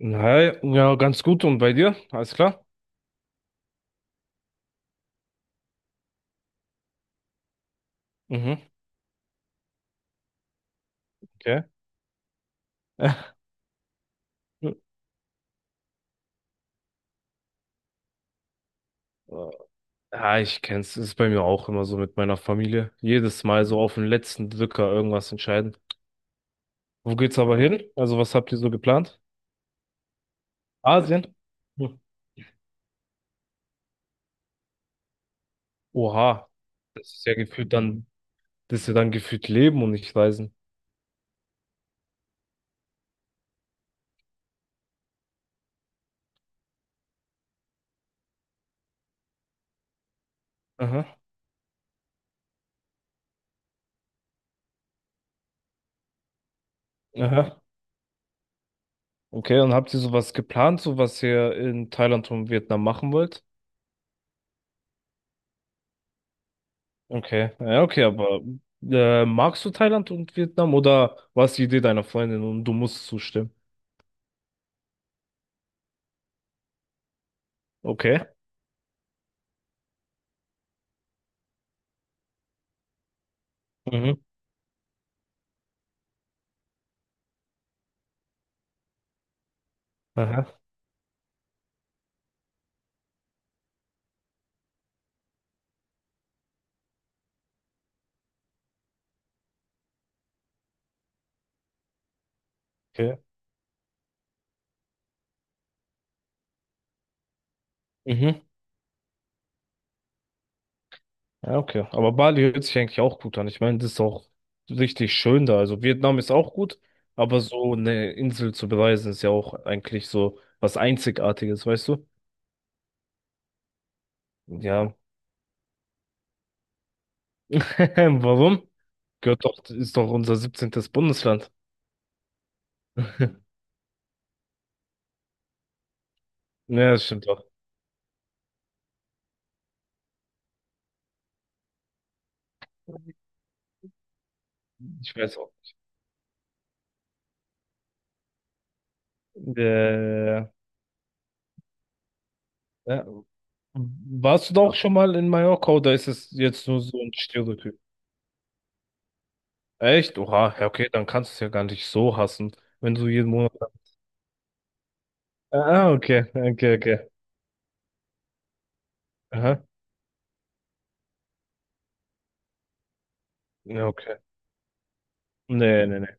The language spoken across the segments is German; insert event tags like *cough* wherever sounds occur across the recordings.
Hi, ja, ganz gut. Und bei dir? Alles klar? Mhm, okay. *laughs* Ja, ich kenn's. Es ist bei mir auch immer so mit meiner Familie. Jedes Mal so auf den letzten Drücker irgendwas entscheiden. Wo geht's aber hin? Also, was habt ihr so geplant? Asien? Hm. Oha. Das ist ja gefühlt dann, das ist ja dann gefühlt Leben und nicht Reisen. Aha, aha. Okay, und habt ihr sowas geplant, so was ihr in Thailand und Vietnam machen wollt? Okay, ja, okay, aber magst du Thailand und Vietnam oder war es die Idee deiner Freundin und du musst zustimmen? Okay. Mhm. Aha. Okay. Mhm. Ja, okay. Aber Bali hört sich eigentlich auch gut an. Ich meine, das ist auch richtig schön da. Also Vietnam ist auch gut, aber so eine Insel zu bereisen ist ja auch eigentlich so was Einzigartiges, weißt du? Ja. *laughs* Warum? Gehört doch, ist doch unser 17. Bundesland. *laughs* Ja, das stimmt doch. Ich weiß auch. Äh, ja, Warst du da auch schon mal in Mallorca oder ist es jetzt nur so ein Stereotyp? Echt? Oha, ja, okay, dann kannst du es ja gar nicht so hassen, wenn du jeden Monat. Ah, ah, okay, okay, okay. Aha. Ja, okay. Nee, nee, nee.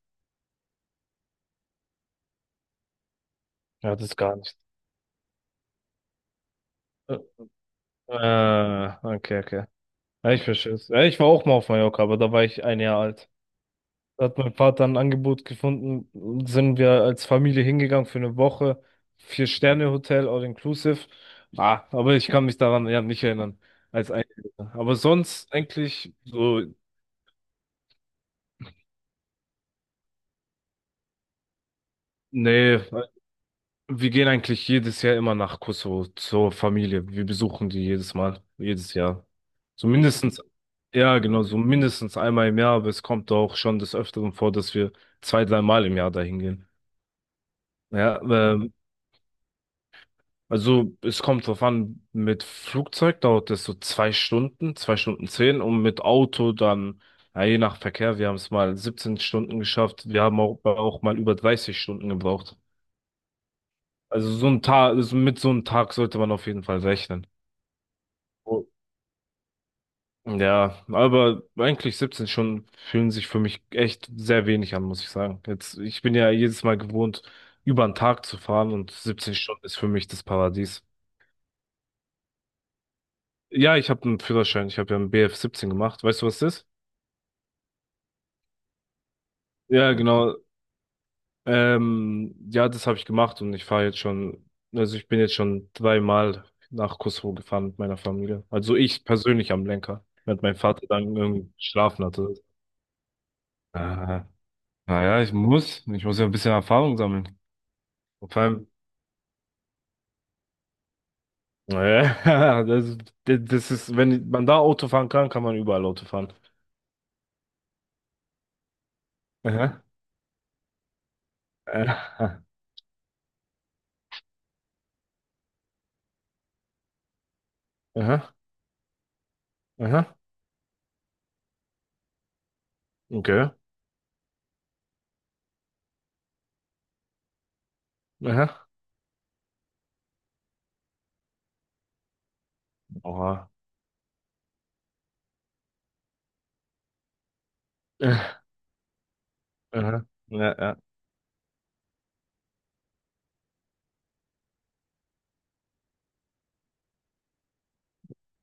Ja, das ist gar nicht. Äh, ah, okay, okay. Ja, ich verstehe es. Ja, ich war auch mal auf Mallorca, aber da war ich ein Jahr alt. Da hat mein Vater ein Angebot gefunden, sind wir als Familie hingegangen für eine Woche. Vier-Sterne-Hotel, all-inclusive. Ah, aber ich kann mich daran ja nicht erinnern, als Einzelner. Aber sonst eigentlich so, nee, wir gehen eigentlich jedes Jahr immer nach Kosovo zur Familie. Wir besuchen die jedes Mal, jedes Jahr. So mindestens, ja genau, so mindestens einmal im Jahr, aber es kommt auch schon des Öfteren vor, dass wir zwei dreimal im Jahr dahin gehen. Ja, also es kommt drauf an, mit Flugzeug dauert es so zwei Stunden zehn und mit Auto dann, ja, je nach Verkehr, wir haben es mal 17 Stunden geschafft, wir haben auch, auch mal über 30 Stunden gebraucht. Also so ein Tag, also mit so einem Tag sollte man auf jeden Fall rechnen. Oh. Ja, aber eigentlich 17 Stunden fühlen sich für mich echt sehr wenig an, muss ich sagen. Jetzt, ich bin ja jedes Mal gewohnt, über einen Tag zu fahren und 17 Stunden ist für mich das Paradies. Ja, ich habe einen Führerschein. Ich habe ja einen BF17 gemacht. Weißt du, was das ist? Ja, genau. Ja, das habe ich gemacht und ich fahre jetzt schon, also ich bin jetzt schon dreimal nach Kosovo gefahren mit meiner Familie. Also ich persönlich am Lenker, während mein Vater dann irgendwie geschlafen hatte. Ah, naja, ich muss. Ich muss ja ein bisschen Erfahrung sammeln. Und vor allem, naja, *laughs* das, das ist, wenn man da Auto fahren kann, kann man überall Auto fahren. Aha. Äh, aha, aha, okay, aha. Oha. *laughs* Aha. Ja, ja,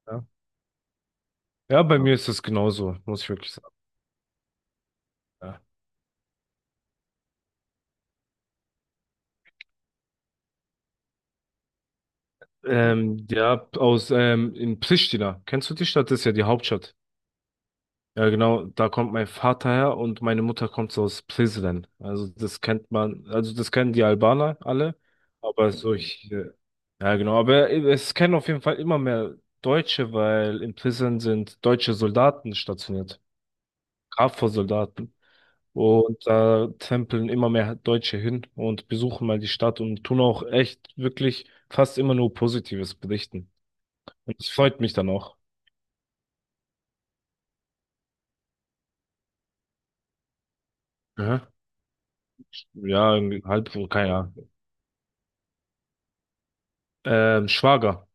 ja. Ja, bei mir ist es genauso, muss ich wirklich sagen. Ja, ja aus in Pristina. Kennst du die Stadt? Das ist ja die Hauptstadt. Ja, genau, da kommt mein Vater her und meine Mutter kommt so aus Prizren. Also das kennt man, also das kennen die Albaner alle, aber so ja genau, aber es kennen auf jeden Fall immer mehr Deutsche, weil in Prizren sind deutsche Soldaten stationiert, KFOR-Soldaten. Und da tempeln immer mehr Deutsche hin und besuchen mal die Stadt und tun auch echt wirklich fast immer nur Positives berichten. Und das freut mich dann auch. Aha. Ja, irgendwie halb, keine Ahnung. Schwager,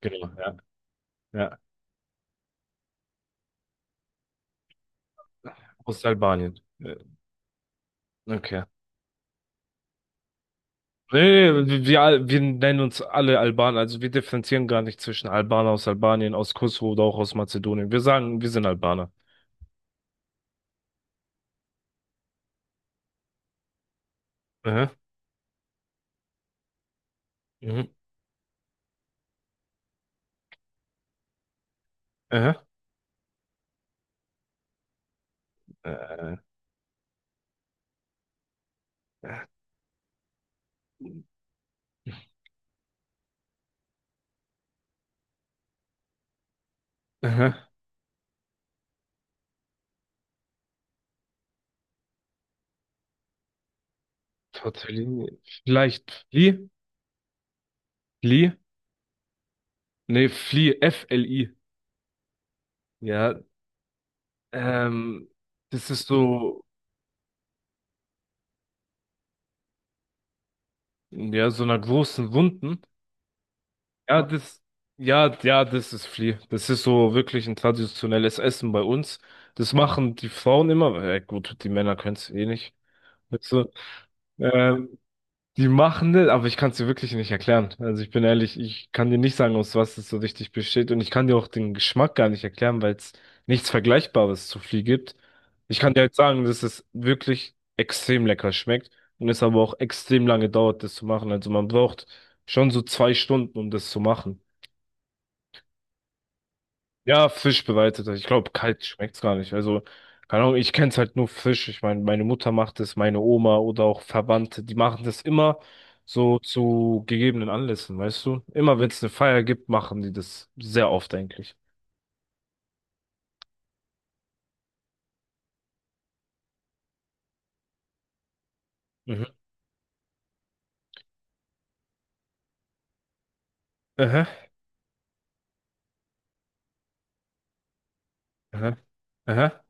genau, ja, ja, aus Albanien. Okay. Nee, nee, wir, wir nennen uns alle Albaner, also wir differenzieren gar nicht zwischen Albaner aus Albanien, aus Kosovo oder auch aus Mazedonien. Wir sagen, wir sind Albaner. Aha, mhm, aha, äh, aha. Tortellini. Vielleicht Fli? Fli? Nee, Fli, F-L-I. Ja, ähm, das ist so, ja, so einer großen Wunden. Ja, das, ja, ja, das ist Fli. Das ist so wirklich ein traditionelles Essen bei uns. Das machen die Frauen immer, weil, ja, gut, die Männer können es eh nicht. Weißt du? Ähm, Die machen das, aber ich kann es dir wirklich nicht erklären. Also ich bin ehrlich, ich kann dir nicht sagen, aus was es so richtig besteht. Und ich kann dir auch den Geschmack gar nicht erklären, weil es nichts Vergleichbares zu Flieh gibt. Ich kann dir halt sagen, dass es wirklich extrem lecker schmeckt und es aber auch extrem lange dauert, das zu machen. Also man braucht schon so zwei Stunden, um das zu machen. Ja, Fisch bereiteter. Ich glaube, kalt schmeckt's gar nicht. Also, keine Ahnung, ich kenn's halt nur Fisch. Ich meine, meine Mutter macht es, meine Oma oder auch Verwandte, die machen das immer so zu gegebenen Anlässen, weißt du? Immer wenn's eine Feier gibt, machen die das sehr oft eigentlich. Mhm. Aha, aha, aha,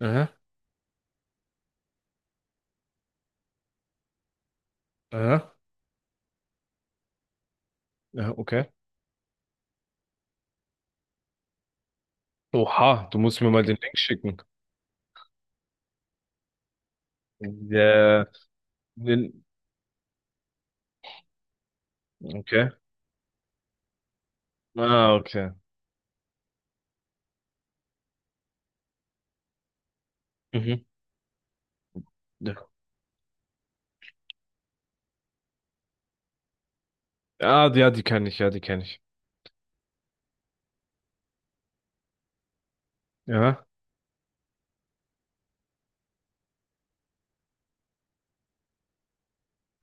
aha, aha, aha, okay. Oha, du musst mir mal den Link schicken. Der, den, okay. Ah, okay. Mhm. Ja, ja, die kenne ich, ja, die kenne ich. Ja,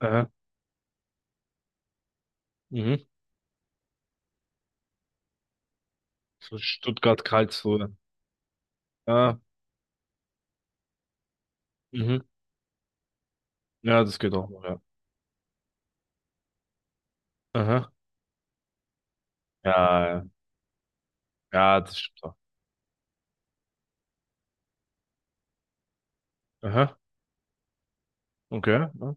aha, mhm. So Stuttgart-Karlsruhe. Ja. Mhm. Ja, das geht auch noch, ja. Aha. Ja, ja, ja, das stimmt auch. Aha. Okay. Ja,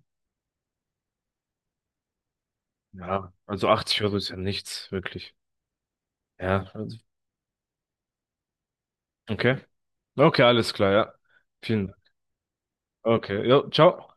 ja, also 80€ ist ja nichts, wirklich. Ja, also. Okay. Okay, alles klar, ja. Vielen Dank. Okay. Jo, ciao.